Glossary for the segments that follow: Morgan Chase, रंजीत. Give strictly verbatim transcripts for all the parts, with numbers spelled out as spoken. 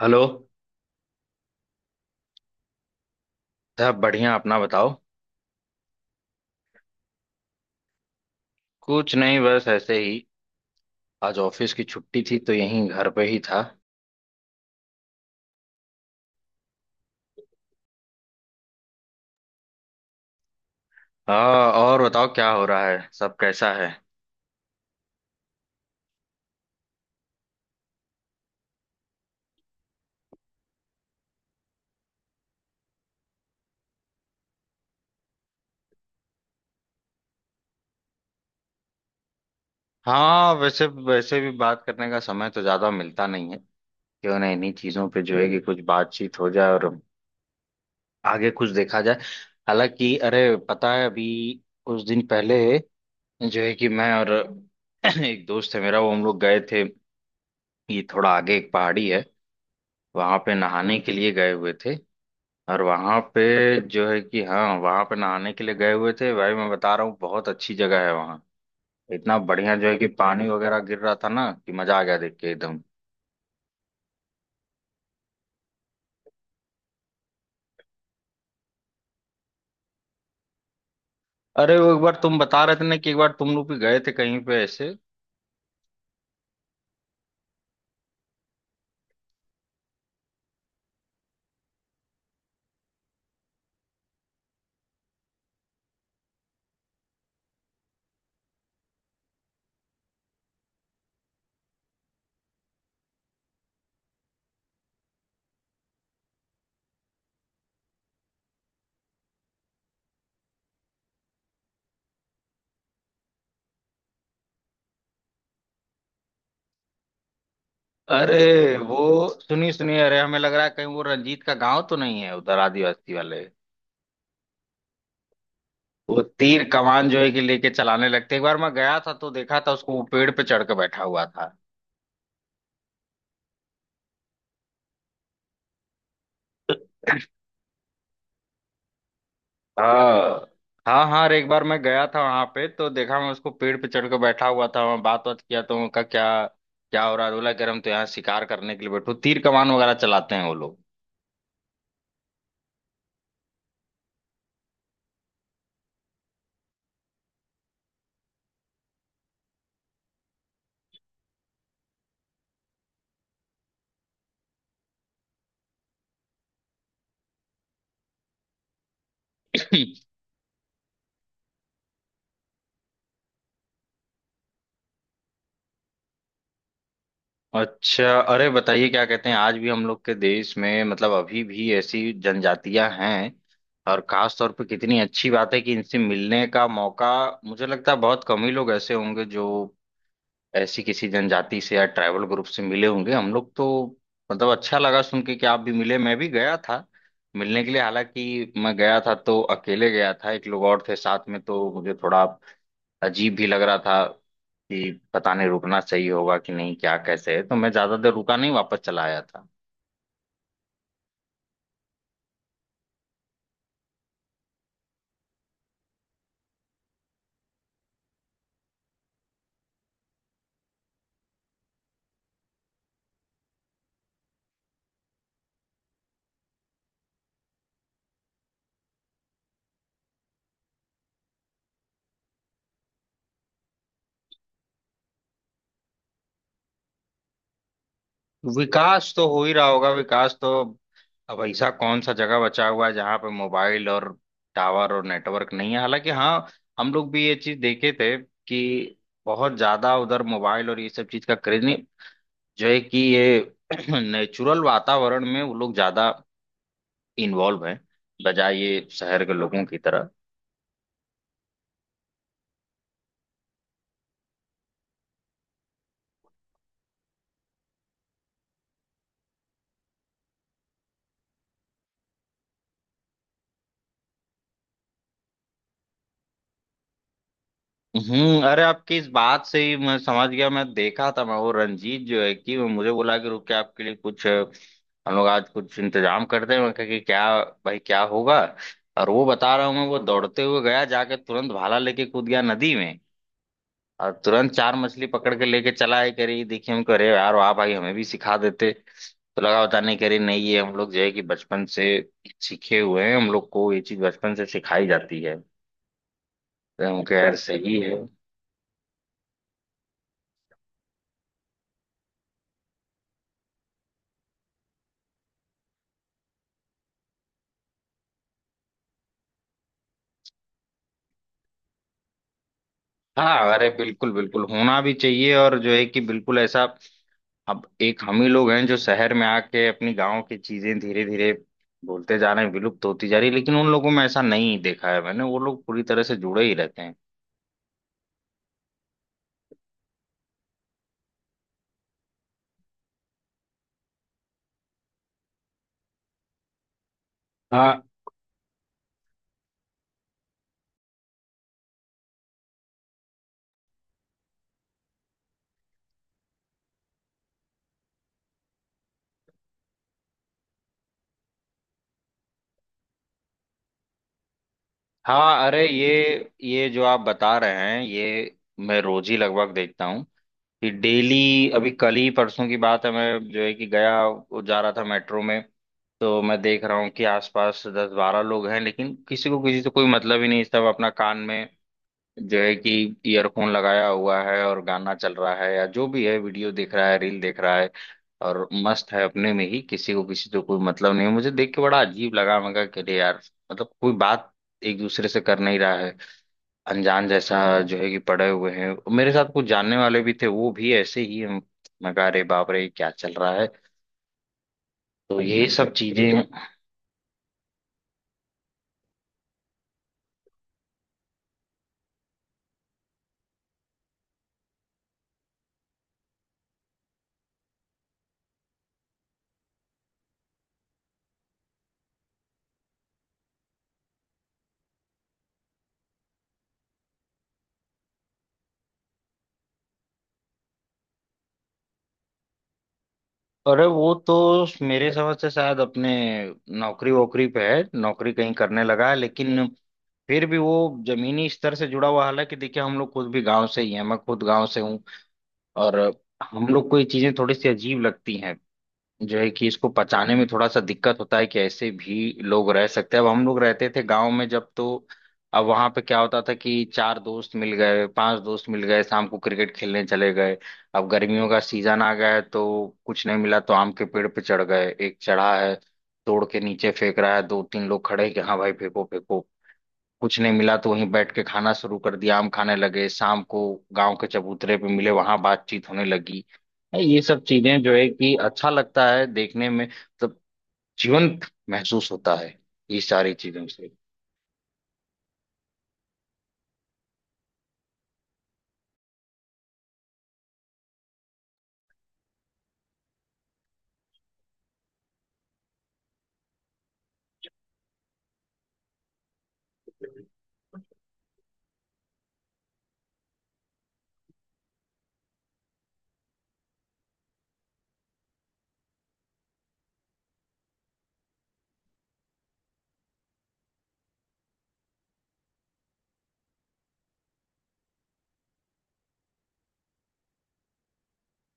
Hello. साहब बढ़िया, अपना बताओ। कुछ नहीं, बस ऐसे ही। आज ऑफिस की छुट्टी थी तो यहीं घर पे ही था। हाँ, और बताओ क्या हो रहा है, सब कैसा है? हाँ, वैसे वैसे भी बात करने का समय तो ज्यादा मिलता नहीं है। क्यों ना इन्हीं चीजों पे जो है कि कुछ बातचीत हो जाए और आगे कुछ देखा जाए। हालांकि अरे पता है, अभी कुछ दिन पहले जो है कि मैं और एक दोस्त है मेरा, वो हम लोग गए थे। ये थोड़ा आगे एक पहाड़ी है, वहां पे नहाने के लिए गए हुए थे। और वहां पे जो है कि हाँ, वहां पे नहाने के लिए गए हुए थे। भाई मैं बता रहा हूँ, बहुत अच्छी जगह है वहाँ। इतना बढ़िया जो है कि पानी वगैरह गिर रहा था ना, कि मजा आ गया देख के एकदम। अरे वो एक बार तुम बता रहे थे ना कि एक बार तुम लोग भी गए थे कहीं पे ऐसे। अरे वो सुनिए सुनिए, अरे हमें लग रहा है कहीं वो रंजीत का गांव तो नहीं है उधर, आदिवासी वाले। वो तीर कमान जो है कि लेके चलाने लगते, एक बार मैं गया था तो देखा था उसको, वो पेड़ पे चढ़ के बैठा हुआ था। हाँ हाँ, हाँ अरे एक बार मैं गया था वहां पे तो देखा मैं उसको, पेड़ पे चढ़ के बैठा हुआ था। वहां बात बात किया तो उनका क्या क्या हो रहा है। बोला कि अरे हम तो यहाँ शिकार करने के लिए बैठो, तीर कमान वगैरह चलाते हैं वो लोग। अच्छा, अरे बताइए क्या कहते हैं, आज भी हम लोग के देश में मतलब अभी भी ऐसी जनजातियां हैं। और खास तौर पे कितनी अच्छी बात है कि इनसे मिलने का मौका। मुझे लगता है बहुत कम ही लोग ऐसे होंगे जो ऐसी किसी जनजाति से या ट्राइबल ग्रुप से मिले होंगे। हम लोग तो मतलब अच्छा लगा सुन के कि आप भी मिले, मैं भी गया था मिलने के लिए। हालांकि मैं गया था तो अकेले गया था, एक लोग और थे साथ में, तो मुझे थोड़ा अजीब भी लग रहा था कि पता नहीं रुकना सही होगा कि नहीं, क्या कैसे है। तो मैं ज्यादा देर रुका नहीं, वापस चला आया था। विकास तो हो ही रहा होगा। विकास तो अब ऐसा कौन सा जगह बचा हुआ है जहां पे मोबाइल और टावर और नेटवर्क नहीं है। हालांकि हाँ, हम लोग भी ये चीज देखे थे कि बहुत ज्यादा उधर मोबाइल और ये सब चीज का क्रेज नहीं, जो है कि ये नेचुरल वातावरण में वो लोग ज्यादा इन्वॉल्व हैं, बजाय ये शहर के लोगों की तरह। हम्म। अरे आपकी इस बात से ही मैं समझ गया। मैं देखा था, मैं वो रंजीत जो है कि वो मुझे बोला कि रुक के आपके लिए कुछ अ, हम लोग आज कुछ इंतजाम करते हैं। मैं कहा कि क्या भाई, क्या होगा? और वो, बता रहा हूँ मैं, वो दौड़ते हुए गया, जाके तुरंत भाला लेके कूद गया नदी में और तुरंत चार मछली पकड़ के लेके चला है, करी देखिए। हम कह रहे यार वाह भाई, हमें भी सिखा देते। तो लगा बता नहीं करे नहीं, ये हम लोग जो है कि बचपन से सीखे हुए हैं, हम लोग को ये चीज बचपन से सिखाई जाती है। तो हम कहे यार सही है। हाँ अरे बिल्कुल बिल्कुल होना भी चाहिए, और जो है कि बिल्कुल ऐसा। अब एक हम ही लोग हैं जो शहर में आके अपनी गांव की चीजें धीरे धीरे बोलते जा रहे हैं, विलुप्त होती जा रही है। लेकिन उन लोगों में ऐसा नहीं देखा है मैंने, वो लोग पूरी तरह से जुड़े ही रहते हैं। हाँ हाँ। अरे ये ये जो आप बता रहे हैं ये मैं रोज ही लगभग देखता हूँ, कि डेली अभी कल ही परसों की बात है, मैं जो है कि गया, वो जा रहा था मेट्रो में। तो मैं देख रहा हूँ कि आसपास दस बारह लोग हैं, लेकिन किसी को किसी से कोई मतलब ही नहीं, सब अपना कान में जो है कि ईयरफोन लगाया हुआ है, और गाना चल रहा है या जो भी है, वीडियो देख रहा है, रील देख रहा है, और मस्त है अपने में ही, किसी को किसी से कोई मतलब नहीं है। मुझे देख के बड़ा अजीब लगा, मैं कहा कि अरे यार, मतलब कोई बात एक दूसरे से कर नहीं रहा है, अनजान जैसा जो है कि पड़े हुए हैं। मेरे साथ कुछ जानने वाले भी थे, वो भी ऐसे ही हैं। मैं कहा अरे बाप रे क्या चल रहा है। तो यही सब चीजें। अरे वो तो मेरे समझ से शायद अपने नौकरी वोकरी पे है, नौकरी कहीं करने लगा है, लेकिन फिर भी वो जमीनी स्तर से जुड़ा हुआ। हालांकि देखिए हम लोग खुद भी गांव से ही हैं, मैं खुद गांव से हूँ और हम लोग को ये चीजें थोड़ी सी अजीब लगती हैं। जो है कि इसको पचाने में थोड़ा सा दिक्कत होता है कि ऐसे भी लोग रह सकते हैं। अब हम लोग रहते थे गांव में जब, तो अब वहां पे क्या होता था कि चार दोस्त मिल गए, पांच दोस्त मिल गए, शाम को क्रिकेट खेलने चले गए। अब गर्मियों का सीजन आ गया है तो कुछ नहीं मिला तो आम के पेड़ पे चढ़ गए, एक चढ़ा है तोड़ के नीचे फेंक रहा है, दो तीन लोग खड़े हैं कि हाँ भाई फेंको फेंको। कुछ नहीं मिला तो वहीं बैठ के खाना शुरू कर दिया, आम खाने लगे। शाम को गांव के चबूतरे पे मिले, वहां बातचीत होने लगी है, ये सब चीजें जो है कि अच्छा लगता है देखने में, मतलब जीवंत महसूस होता है ये सारी चीजों से।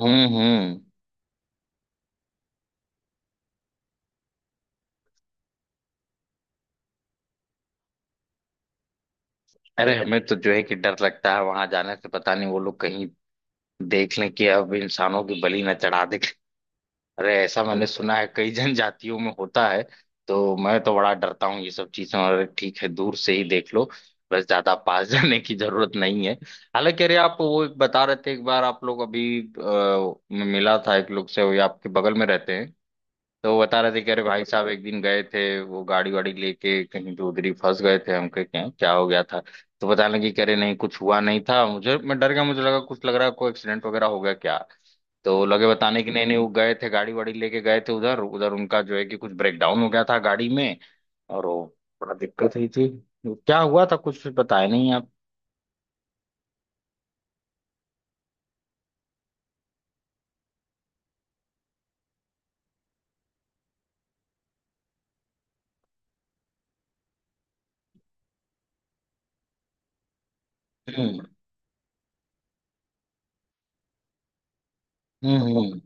हम्म हम्म। अरे हमें तो जो है कि डर लगता है वहां जाने से, पता नहीं वो लोग कहीं देख लें कि अब इंसानों की बलि न चढ़ा दे। अरे ऐसा मैंने सुना है कई जनजातियों में होता है। तो मैं तो बड़ा डरता हूँ ये सब चीजें, और ठीक है दूर से ही देख लो, बस ज्यादा पास जाने की जरूरत नहीं है। हालांकि अरे आप वो एक बता रहे थे, एक बार आप लोग अभी आ, मिला था एक लोग से, वो ये आपके बगल में रहते हैं, तो वो बता रहे थे कि अरे भाई साहब एक दिन गए थे, वो गाड़ी वाड़ी लेके कहीं, तो उधर ही फंस गए थे। हम कहे क्या क्या हो गया था? तो बताने लगी कि अरे नहीं कुछ हुआ नहीं था मुझे, मैं डर गया, मुझे लगा कुछ लग रहा है कोई एक्सीडेंट वगैरह हो गया क्या। तो वो लगे बताने की नहीं नहीं, वो गए थे गाड़ी वाड़ी लेके गए थे, उधर उधर उनका जो है कि कुछ ब्रेकडाउन हो गया था गाड़ी में। और वो बड़ा दिक्कत हुई थी। वो क्या हुआ था कुछ बताया नहीं आप? हम्म हम्म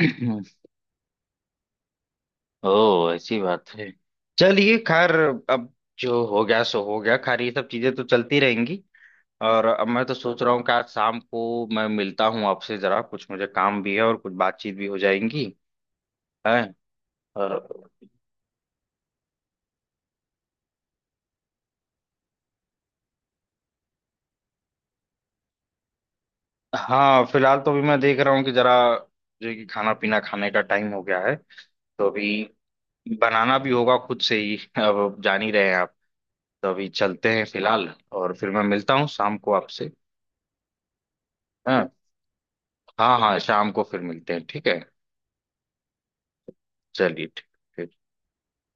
हम्म। ओह ऐसी बात है। चलिए खैर, अब जो हो गया सो हो गया। खैर ये सब चीजें तो चलती रहेंगी। और अब मैं तो सोच रहा हूँ कि आज शाम को मैं मिलता हूँ आपसे जरा, कुछ मुझे काम भी है और कुछ बातचीत भी हो जाएंगी। है। और हाँ, फिलहाल तो अभी मैं देख रहा हूँ कि जरा जो है कि खाना पीना, खाने का टाइम हो गया है, तो अभी बनाना भी होगा खुद से ही। अब जान ही रहे हैं आप, तो अभी चलते हैं फिलहाल। और फिर मैं मिलता हूँ शाम को आपसे। हाँ हाँ। हाँ शाम को फिर मिलते हैं, ठीक है। चलिए, ठीक ठीक।